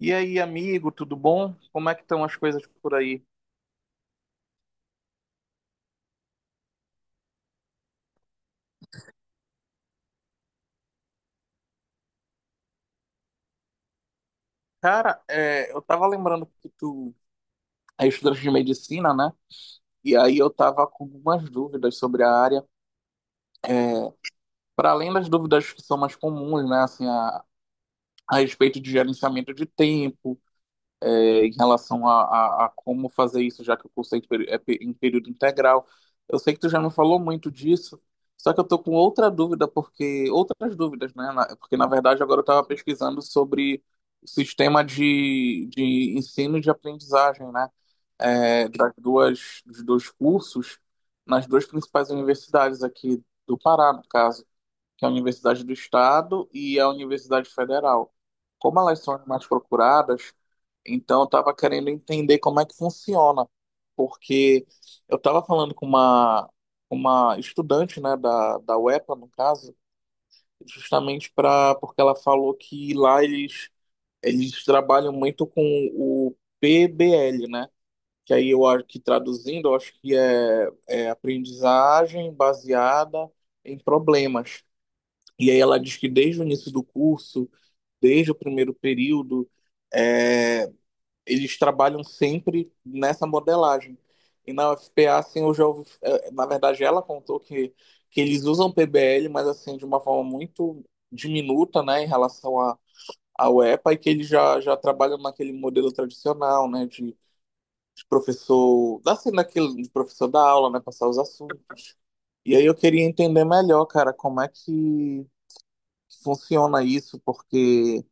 E aí, amigo, tudo bom? Como é que estão as coisas por aí? Cara, eu tava lembrando que tu é estudante de medicina, né? E aí eu tava com algumas dúvidas sobre a área, para além das dúvidas que são mais comuns, né? Assim, a respeito de gerenciamento de tempo, em relação a como fazer isso, já que o curso é em período integral. Eu sei que tu já me falou muito disso, só que eu tô com outra dúvida, porque outras dúvidas, né? Porque na verdade agora eu estava pesquisando sobre o sistema de ensino e de aprendizagem, né? Dos dois cursos nas duas principais universidades aqui do Pará, no caso que é a Universidade do Estado e a Universidade Federal. Como elas são as mais procuradas, então eu estava querendo entender como é que funciona, porque eu estava falando com uma estudante, né, da UEPA, no caso, justamente para porque ela falou que lá eles trabalham muito com o PBL, né? Que aí eu acho que traduzindo, eu acho que é aprendizagem baseada em problemas. E aí ela diz que desde o início do curso, desde o primeiro período, é, eles trabalham sempre nessa modelagem. E na UFPA, assim, eu já ouvi, na verdade, ela contou que eles usam PBL, mas assim, de uma forma muito diminuta, né, em relação à UEPA, e P A, e que eles já trabalham naquele modelo tradicional, né, de professor, assim, naquele, de professor da aula, né, passar os assuntos. E aí eu queria entender melhor, cara, como é que funciona isso? Porque,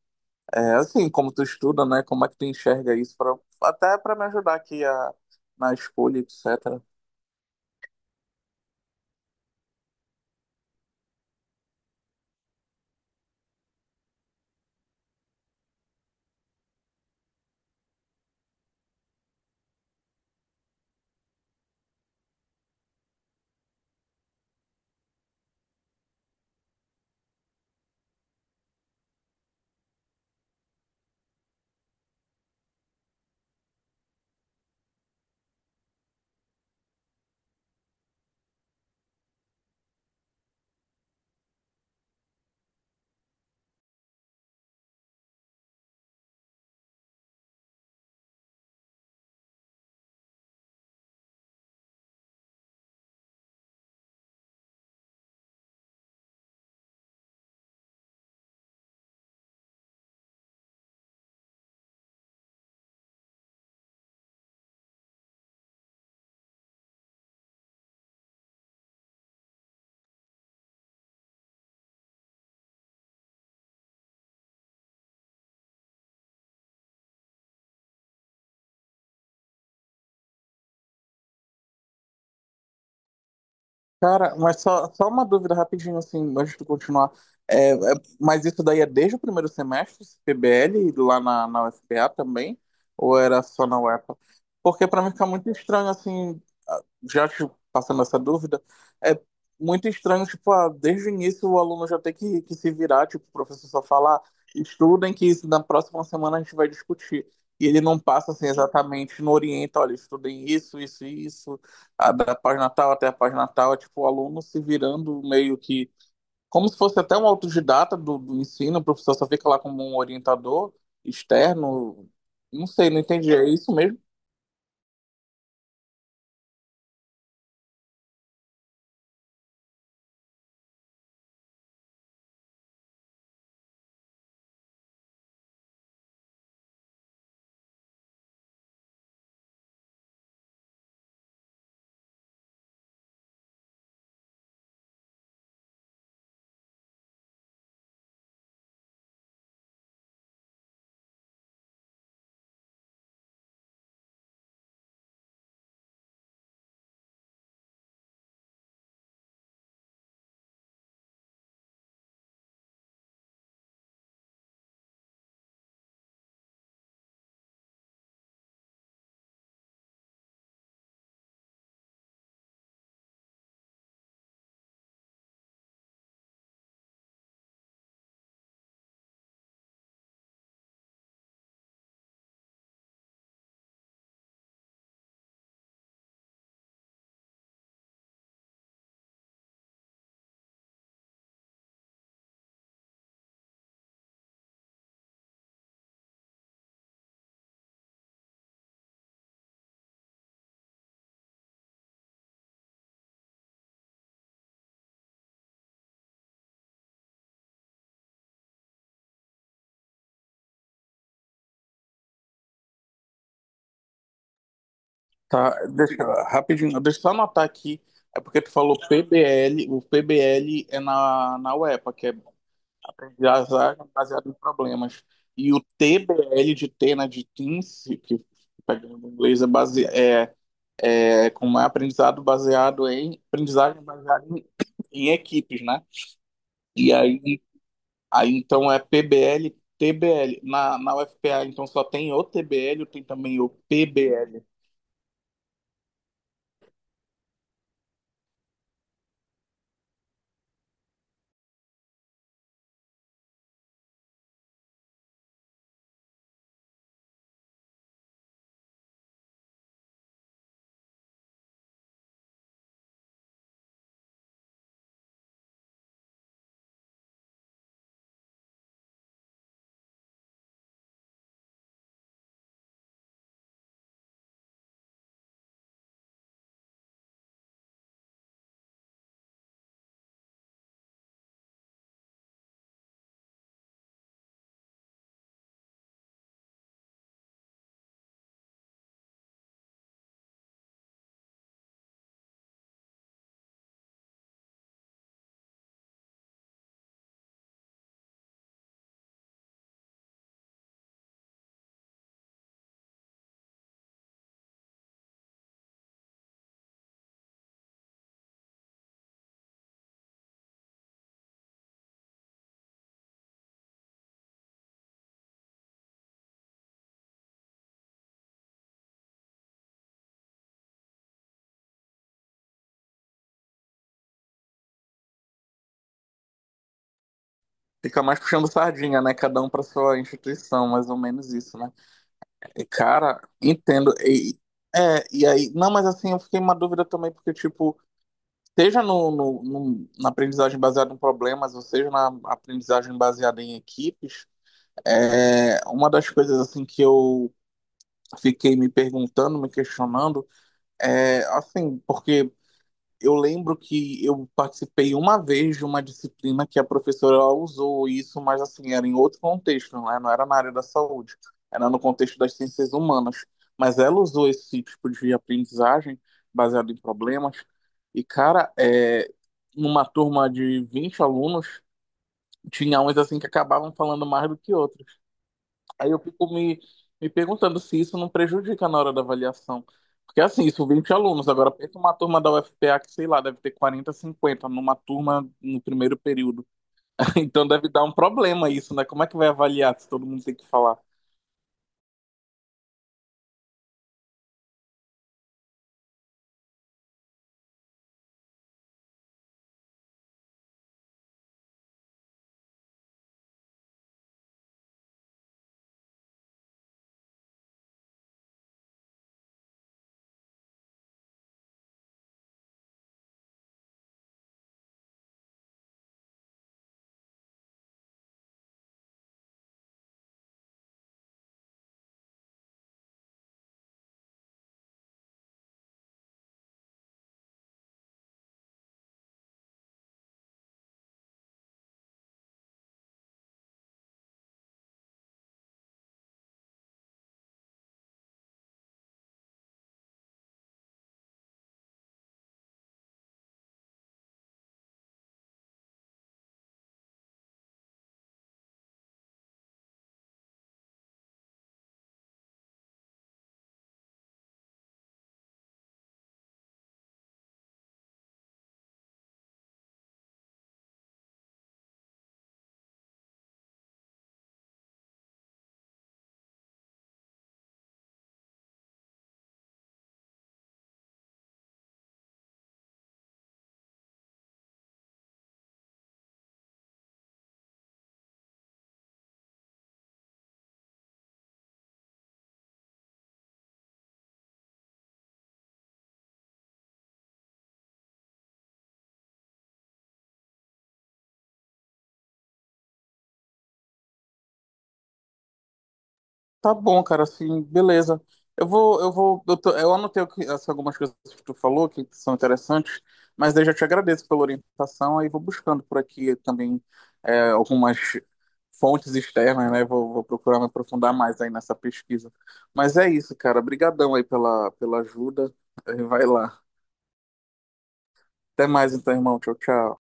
assim, como tu estuda, né? Como é que tu enxerga isso? Até para me ajudar aqui na escolha, etc. Cara, mas só uma dúvida rapidinho, assim, antes de continuar. É, é- mas isso daí é desde o primeiro semestre, esse PBL, lá na UFPA também? Ou era só na UEPA? Porque para mim fica muito estranho, assim, ah, já te passando essa dúvida, é muito estranho, tipo, desde o início o aluno já tem que se virar, tipo, o professor só falar, estudem que isso na próxima semana a gente vai discutir. E ele não passa, assim, exatamente, não orienta, olha, estudem isso, isso e isso da página tal até a página tal, é tipo o aluno se virando meio que como se fosse até um autodidata do ensino, o professor só fica lá como um orientador externo. Não sei, não entendi. É isso mesmo? Tá, rapidinho, deixa eu só anotar aqui. É porque tu falou PBL, o PBL é na UEPA, que é aprendizagem baseada em problemas. E o TBL de Tena de Teams, que pegando em inglês, com um aprendizado baseado em aprendizagem baseada em equipes, né? E aí, então é PBL, TBL. Na UFPA, então só tem o TBL, tem também o PBL. Fica mais puxando sardinha, né? Cada um para sua instituição, mais ou menos isso, né? E, cara, entendo. E, e aí, não, mas assim, eu fiquei uma dúvida também, porque, tipo, seja na aprendizagem baseada em problemas, ou seja na aprendizagem baseada em equipes. Uma das coisas assim que eu fiquei me perguntando, me questionando, é assim, porque eu lembro que eu participei uma vez de uma disciplina que a professora ela usou isso, mas assim, era em outro contexto, né? Não era na área da saúde, era no contexto das ciências humanas. Mas ela usou esse tipo de aprendizagem baseado em problemas. E, cara, numa turma de 20 alunos, tinha uns assim que acabavam falando mais do que outros. Aí eu fico me perguntando se isso não prejudica na hora da avaliação. Porque assim, isso 20 alunos. Agora pensa uma turma da UFPA que, sei lá, deve ter 40, 50 numa turma no primeiro período. Então deve dar um problema isso, né? Como é que vai avaliar se todo mundo tem que falar? Tá bom, cara, assim, beleza. Eu vou, eu vou, eu, tô- Eu anotei algumas coisas que tu falou que são interessantes, mas eu já te agradeço pela orientação, aí vou buscando por aqui também algumas fontes externas, né? Vou procurar me aprofundar mais aí nessa pesquisa. Mas é isso, cara. Obrigadão aí pela ajuda. Vai lá. Até mais então, irmão. Tchau, tchau.